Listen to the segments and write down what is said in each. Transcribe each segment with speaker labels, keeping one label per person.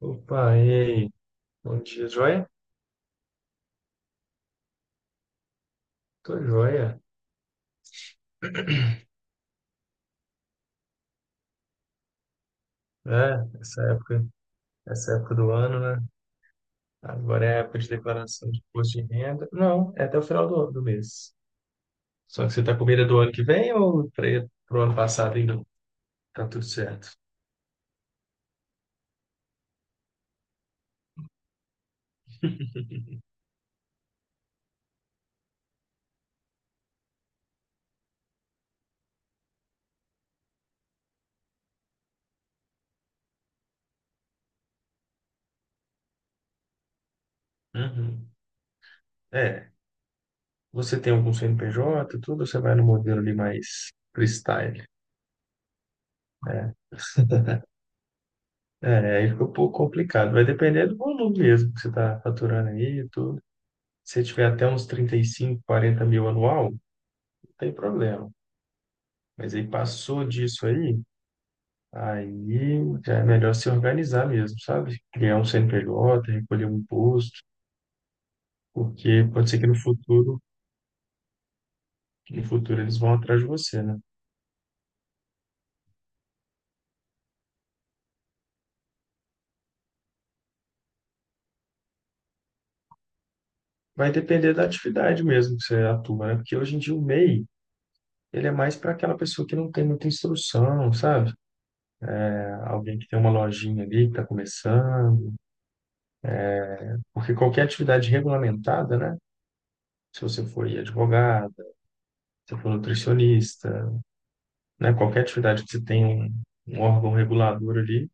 Speaker 1: Opa, e aí? Bom dia, joia? Tô joia. É, essa época, essa época do ano, né? Agora é a época de declaração de imposto de renda. Não, é até o final do mês. Só que você tá com medo do ano que vem ou para pro ano passado ainda tá tudo certo? Uhum. É, você tem algum CNPJ, tudo, ou você vai no modelo ali mais freestyle, né? É, aí fica um pouco complicado. Vai depender do volume mesmo que você está faturando aí e tudo. Se você tiver até uns 35, 40 mil anual, tem problema. Mas aí passou disso aí, aí já é melhor se organizar mesmo, sabe? Criar um CNPJ, recolher um imposto, porque pode ser que no futuro eles vão atrás de você, né? Vai depender da atividade mesmo que você atua, né? Porque hoje em dia o MEI, ele é mais para aquela pessoa que não tem muita instrução, sabe? É alguém que tem uma lojinha ali, que está começando, porque qualquer atividade regulamentada, né? Se você for advogada, se você for nutricionista, né? Qualquer atividade que você tem um órgão regulador ali,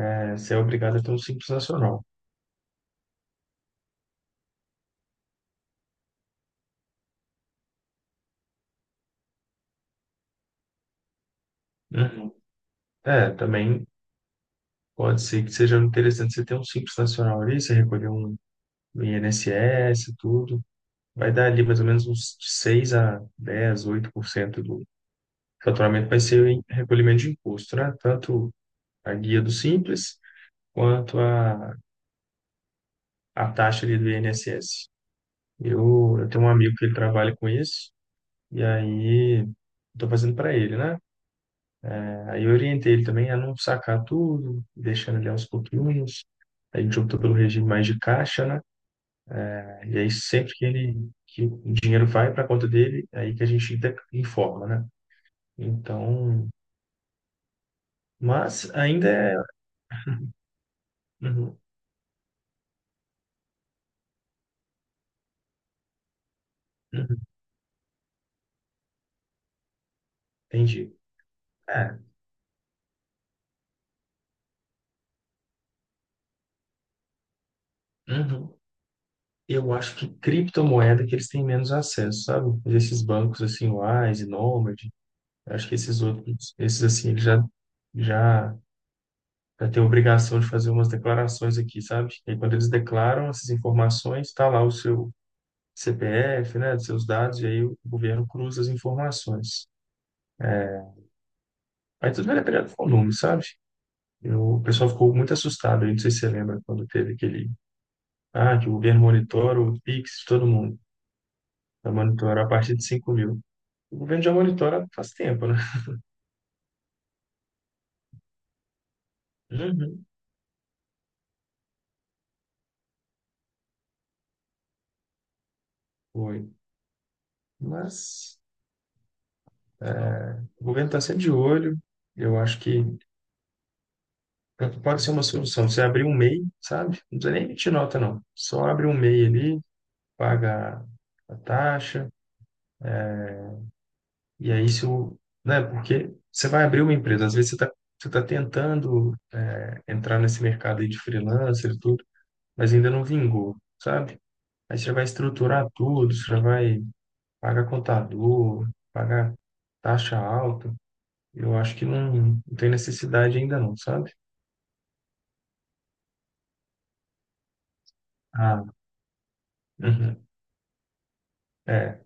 Speaker 1: você é obrigado a ter um Simples Nacional. Uhum. É, também pode ser que seja interessante você ter um Simples Nacional ali, você recolher um INSS, e tudo. Vai dar ali mais ou menos uns 6 a 10 8% do faturamento vai ser em recolhimento de imposto, né? Tanto a guia do Simples quanto a taxa ali do INSS. Eu tenho um amigo que ele trabalha com isso, e aí estou fazendo para ele, né? Aí eu orientei ele também a não sacar tudo, deixando ele aos pouquinhos. A gente optou pelo regime mais de caixa, né? E aí sempre que ele que o dinheiro vai para a conta dele, é aí que a gente informa, né? Então, mas ainda é. Uhum, uhum, entendi. É, uhum. Eu acho que criptomoeda que eles têm menos acesso, sabe? Mas esses bancos assim, Wise e Nomad, eu acho que esses outros, esses assim, eles já já. Eu tenho obrigação de fazer umas declarações aqui, sabe? E aí, quando eles declaram essas informações, está lá o seu CPF, né, os seus dados, e aí o governo cruza as informações. Aí tudo vai depender do volume, sabe? O pessoal ficou muito assustado, aí, não sei se você lembra quando teve aquele, que o governo monitora o Pix de todo mundo, vai monitorar a partir de 5 mil. O governo já monitora faz tempo, né? Uhum. Foi. Mas o governo está sempre de olho, eu acho que pode ser uma solução. Você abrir um MEI, sabe? Não precisa nem emitir nota, não. Só abre um MEI ali, paga a taxa, e aí se o, né? Porque você vai abrir uma empresa, às vezes você tá tentando entrar nesse mercado aí de freelancer e tudo, mas ainda não vingou, sabe? Aí você vai estruturar tudo, você vai pagar contador, pagar taxa alta. Eu acho que não, não tem necessidade ainda não, sabe? Ah, uhum. É,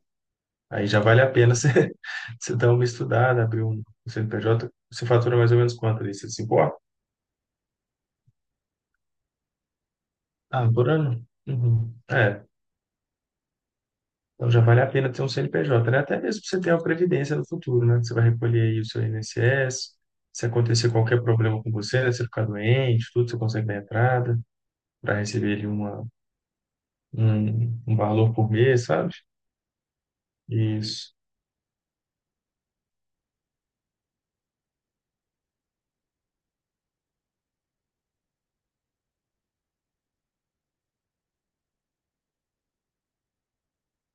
Speaker 1: aí já vale a pena você, você dar uma estudada, abrir um CNPJ. Você fatura mais ou menos quanto ali? Você se importa? Ah, por ano? Uhum. É, então já vale a pena ter um CNPJ, né? Até mesmo pra você ter uma previdência no futuro, né? Você vai recolher aí o seu INSS. Se acontecer qualquer problema com você, né? Você ficar doente, tudo, você consegue dar entrada para receber ali um valor por mês, sabe? Isso.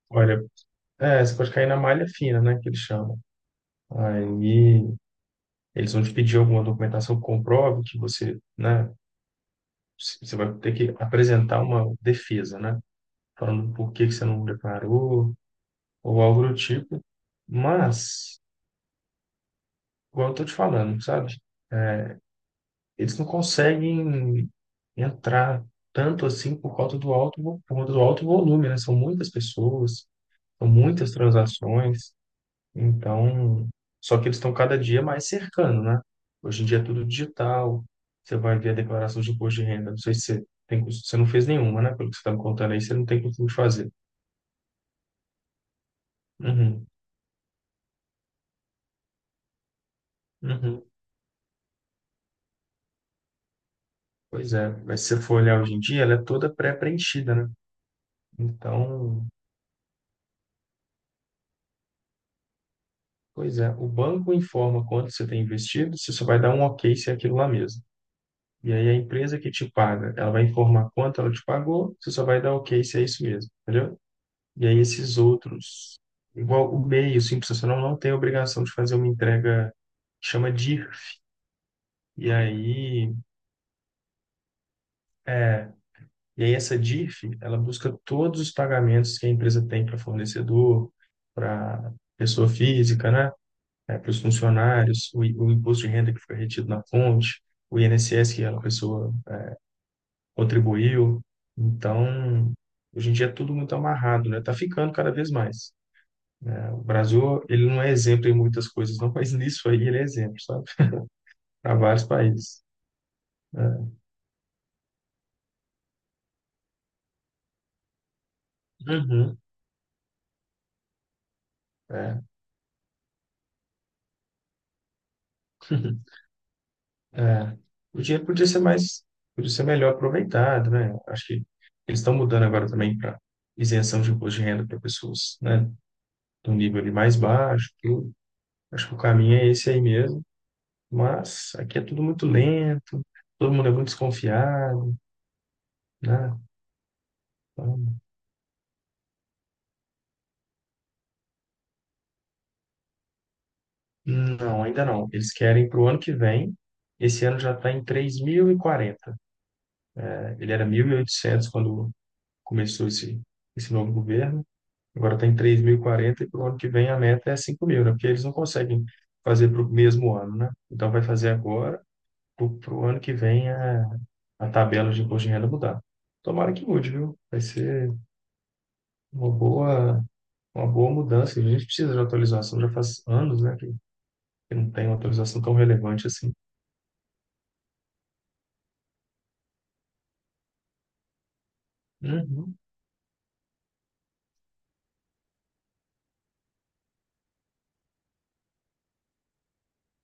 Speaker 1: Olha, você pode cair na malha fina, né? Que eles chamam. Aí, eles vão te pedir alguma documentação que comprove que você, né, você vai ter que apresentar uma defesa, né, falando por que que você não declarou ou algo do tipo. Mas, igual eu tô te falando, sabe? É, Eles não conseguem entrar tanto assim por conta por conta do alto volume, né? São muitas pessoas, são muitas transações. Então, só que eles estão cada dia mais cercando, né? Hoje em dia é tudo digital. Você vai ver a declaração de imposto de renda. Não sei se você você não fez nenhuma, né? Pelo que você está me contando aí, você não tem costume de fazer. Uhum, uhum. Pois é. Mas se você for olhar hoje em dia, ela é toda pré-preenchida, né? Então, pois é. O banco informa quanto você tem investido, você só vai dar um ok se é aquilo lá mesmo. E aí a empresa que te paga, ela vai informar quanto ela te pagou, você só vai dar ok se é isso mesmo. Entendeu? E aí esses outros, igual o MEI, o Simples Nacional, não tem obrigação de fazer uma entrega que chama DIRF. E aí, é, e aí, essa DIRF, ela busca todos os pagamentos que a empresa tem para fornecedor, para pessoa física, né? Para os funcionários, o imposto de renda que foi retido na fonte, o INSS que a pessoa contribuiu. Então, hoje em dia é tudo muito amarrado, né? Tá ficando cada vez mais. O Brasil, ele não é exemplo em muitas coisas, não, mas nisso aí ele é exemplo, sabe? Para vários países. Né? Uhum, é. É. O dinheiro podia ser mais, podia ser melhor aproveitado, né? Acho que eles estão mudando agora também para isenção de imposto de renda para pessoas, né? Do nível ali mais baixo, tudo. Acho que o caminho é esse aí mesmo, mas aqui é tudo muito lento, todo mundo é muito desconfiado, né? Então, não, ainda não. Eles querem para o ano que vem, esse ano já está em 3.040. Ele era 1.800 quando começou esse novo governo, agora está em 3.040 e quarenta e para o ano que vem a meta é 5.000, né? Porque eles não conseguem fazer para o mesmo ano, né? Então vai fazer agora, para o ano que vem a tabela de imposto de renda mudar. Tomara que mude, viu? Vai ser uma boa, uma boa mudança. A gente precisa de atualização, já faz anos, né, que não tem uma atualização tão relevante assim. Uhum,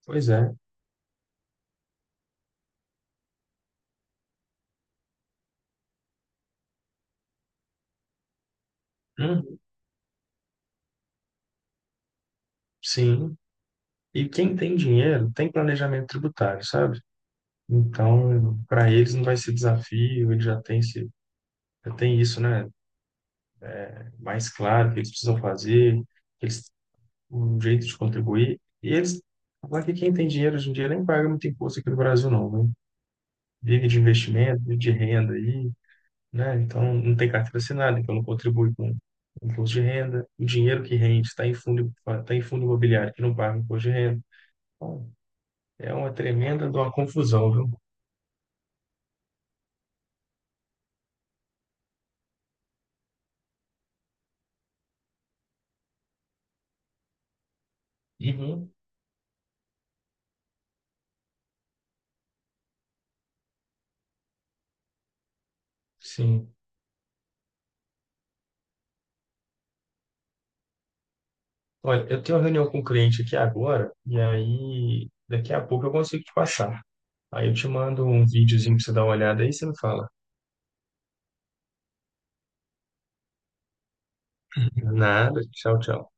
Speaker 1: pois é. Uhum, sim. E quem tem dinheiro tem planejamento tributário, sabe? Então, para eles não vai ser desafio, eles já têm esse, já tem isso, né? Mais claro o que eles precisam fazer, eles um jeito de contribuir. E eles, lá que quem tem dinheiro hoje em dia nem paga muito imposto aqui no Brasil, não, né? Vive de investimento, vive de renda aí, né? Então, não tem carteira assinada, então não contribui com imposto de renda. O dinheiro que rende está em fundo, tá em fundo imobiliário que não paga imposto de renda. Então, é uma tremenda de uma confusão, viu? Uhum. Sim. Olha, eu tenho uma reunião com o cliente aqui agora, e aí daqui a pouco eu consigo te passar. Aí eu te mando um videozinho pra você dar uma olhada aí, você me fala. Nada, tchau, tchau.